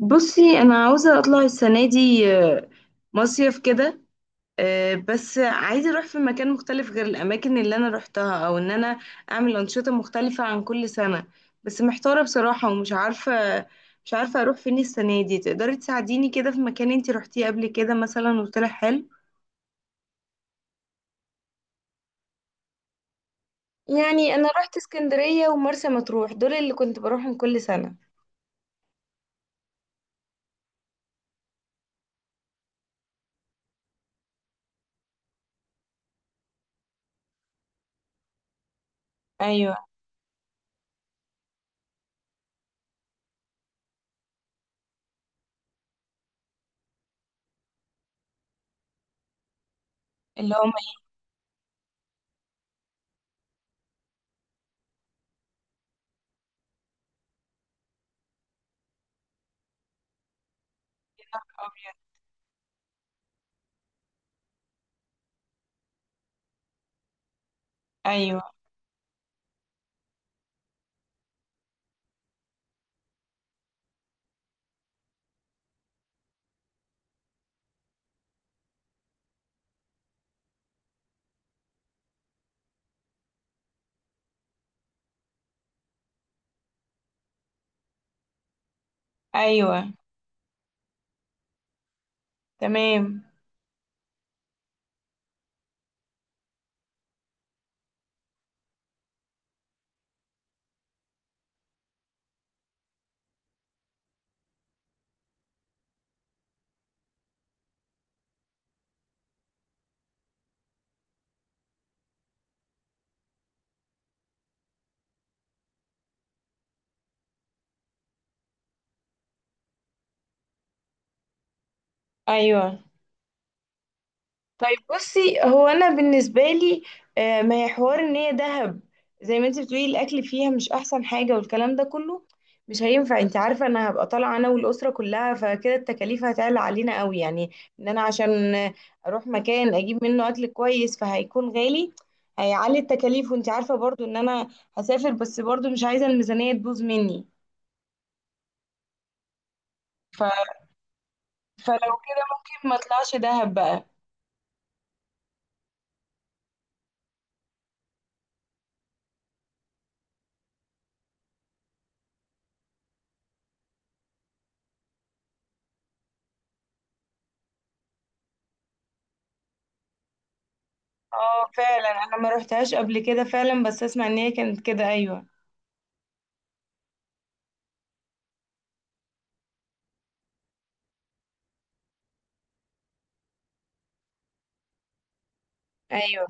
بصي، انا عاوزه اطلع السنه دي مصيف كده. بس عايزه اروح في مكان مختلف غير الاماكن اللي انا روحتها او ان انا اعمل انشطه مختلفه عن كل سنه. بس محتاره بصراحه ومش عارفه مش عارفه اروح فين السنه دي. تقدري تساعديني كده في مكان انتي روحتيه قبل كده مثلا وطلع حلو؟ يعني انا رحت اسكندريه ومرسى مطروح، دول اللي كنت بروحهم كل سنه. ايوه. اللي هم؟ الابيض. ايوه. ايوه. تمام. ايوه. طيب بصي، هو انا بالنسبه لي ما هي حوار ان هي دهب. زي ما انت بتقولي الاكل فيها مش احسن حاجه والكلام ده كله، مش هينفع. انت عارفه انا هبقى طالعه انا والاسره كلها، فكده التكاليف هتعلى علينا قوي، يعني ان انا عشان اروح مكان اجيب منه اكل كويس فهيكون غالي، هيعلي التكاليف. وانت عارفه برضو ان انا هسافر، بس برضو مش عايزه الميزانيه تبوظ مني. ف... فلو كده ممكن ما اطلعش دهب بقى. اه فعلا، انا ما روحتهاش قبل كده فعلا، بس اسمع ان هي كانت كده، ايوه. ايوه.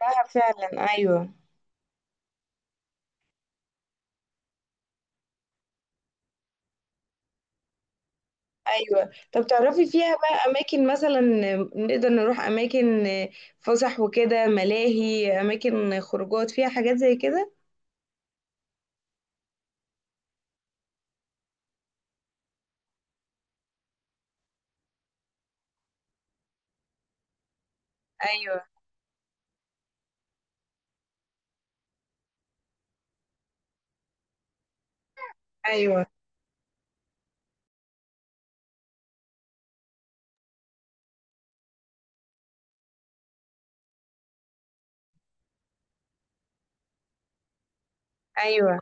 دهب فعلا. ايوه. ايوه. طب تعرفي فيها بقى اماكن مثلا نقدر نروح اماكن فسح وكده، ملاهي، اماكن خروجات فيها حاجات زي كده؟ ايوه. ايوه. ايوه.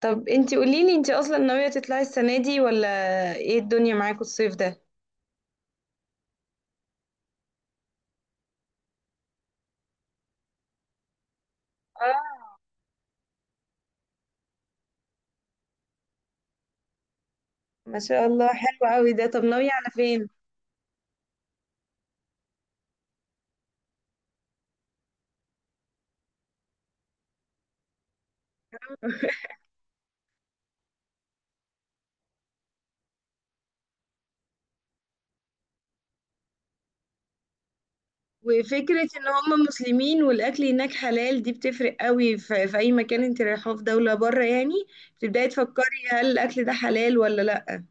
طب انتي قوليلي، انتي اصلا ناوية تطلعي السنة دي ولا؟ ايه الدنيا معاكوا الصيف ده؟ اه. ما شاء الله، حلو قوي ده. طب ناوية على فين؟ وفكرة ان هم مسلمين والاكل هناك حلال دي بتفرق قوي، في اي مكان انت رايحه في دولة بره يعني بتبداي تفكري هل الاكل ده حلال ولا لا.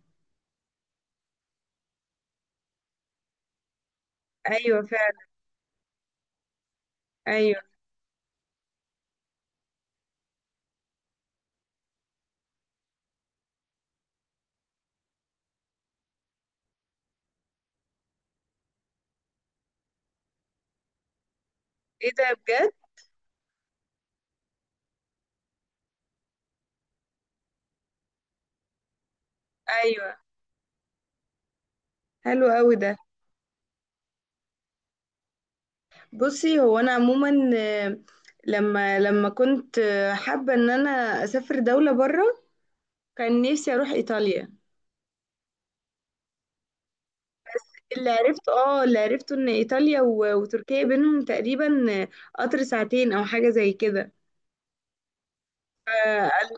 ايوه فعلا. ايوه. ايه ده بجد؟ ايوه. حلو قوي ده. بصي، هو انا عموما لما كنت حابة ان انا اسافر دولة بره، كان نفسي اروح ايطاليا. اللي عرفته، اه، اللي عرفته ان ايطاليا وتركيا بينهم تقريبا قطر ساعتين او حاجة زي كده.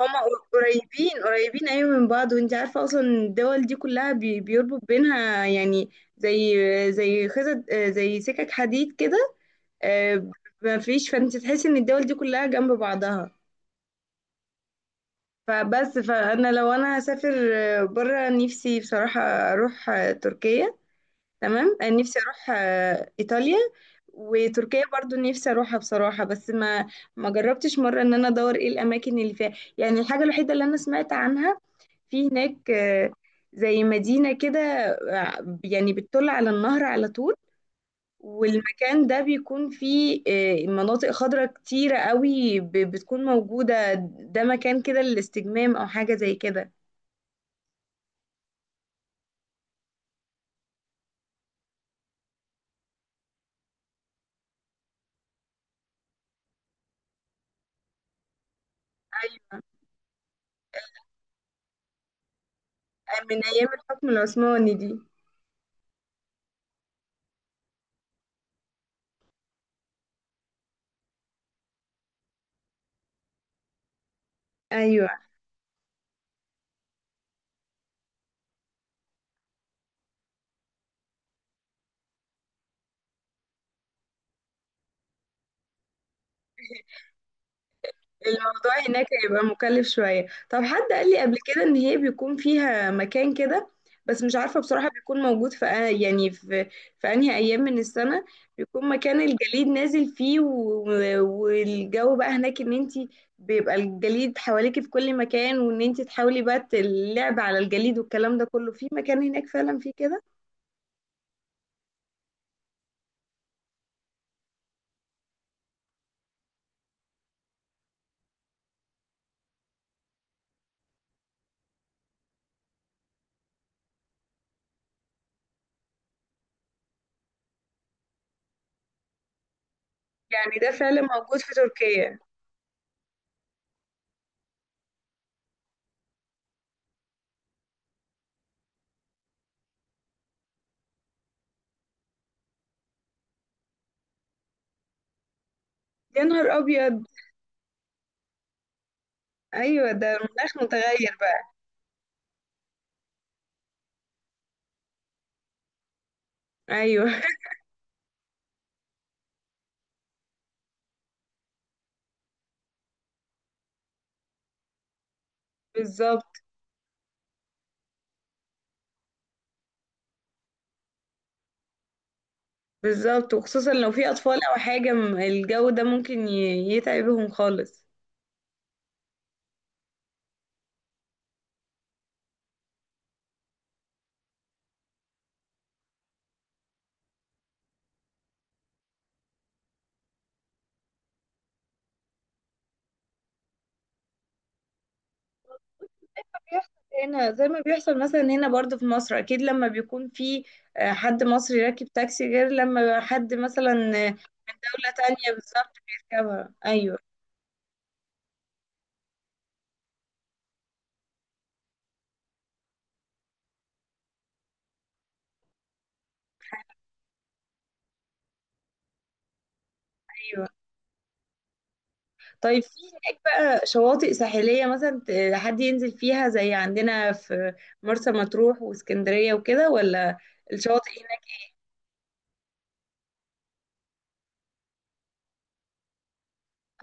هما قريبين قريبين، أيوة من بعض. وانت عارفة أصلا الدول دي كلها بيربط بينها يعني، زي زي خزط، زي سكك حديد كده. آه، ما فيش، فانت تحسي ان الدول دي كلها جنب بعضها. فبس فانا لو انا هسافر بره، نفسي بصراحة اروح تركيا. تمام، نفسي اروح ايطاليا وتركيا برضو نفسي اروحها بصراحة، بس ما جربتش مرة ان انا ادور ايه الاماكن اللي فيها. يعني الحاجة الوحيدة اللي انا سمعت عنها في هناك زي مدينة كده، يعني بتطل على النهر على طول، والمكان ده بيكون فيه مناطق خضراء كتيرة قوي بتكون موجودة. ده مكان كده للاستجمام أو حاجة زي كده. أيوة. من أيام الحكم العثماني دي. أيوة. الموضوع هناك هيبقى مكلف شوية. طب حد قال لي قبل كده ان هي بيكون فيها مكان كده، بس مش عارفة بصراحة بيكون موجود في يعني في انهي ايام من السنة بيكون مكان الجليد نازل فيه، والجو بقى هناك ان انتي بيبقى الجليد حواليكي في كل مكان، وان انتي تحاولي بقى اللعب على الجليد والكلام ده كله، في مكان هناك فعلا فيه كده. يعني ده فعلا موجود في تركيا؟ يا نهار ابيض! ايوه ده المناخ متغير بقى. ايوه. بالظبط. بالظبط، وخصوصا لو في اطفال او حاجه، الجو ده ممكن يتعبهم خالص. بيحصل هنا زي ما بيحصل مثلا هنا برضو في مصر، اكيد لما بيكون في حد مصري راكب تاكسي غير لما حد مثلا من دولة تانية بالظبط بيركبها، ايوه. ايوه. طيب في هناك بقى شواطئ ساحلية مثلا حد ينزل فيها زي عندنا في مرسى مطروح واسكندرية وكده ولا؟ الشواطئ.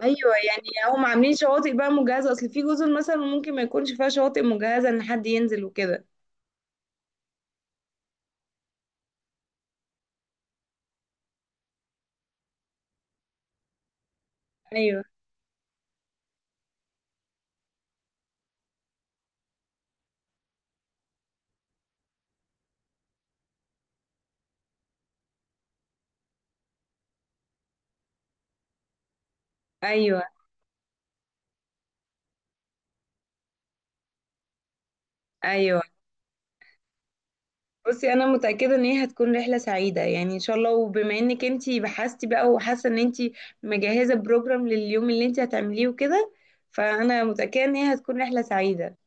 ايوه. يعني هم عاملين شواطئ بقى مجهزه اصل؟ في جزر مثلا ممكن ما يكونش فيها شواطئ مجهزه ان حد ينزل وكده. ايوه. ايوه. ايوه. بصي، انا متاكده ان هي هتكون رحله سعيده يعني ان شاء الله. وبما انك انتي بحثتي بقى وحاسه ان انتي مجهزه بروجرام لليوم اللي انتي هتعمليه وكده، فانا متاكده ان هي هتكون رحله سعيده.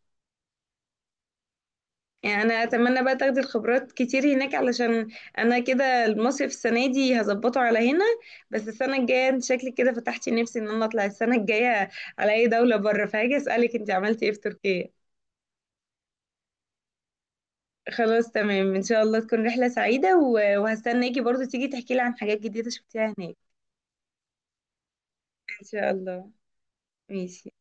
يعني انا اتمنى بقى تاخدي الخبرات كتير هناك علشان انا كده المصيف السنه دي هظبطه على هنا، بس السنه الجايه انت شكلك كده فتحتي نفسي ان انا اطلع السنه الجايه على اي دوله بره، فهاجي اسالك انت عملتي ايه في تركيا. خلاص تمام، ان شاء الله تكون رحله سعيده، وهستناكي برضو تيجي تحكي لي عن حاجات جديده شفتيها هناك. ان شاء الله. ماشي.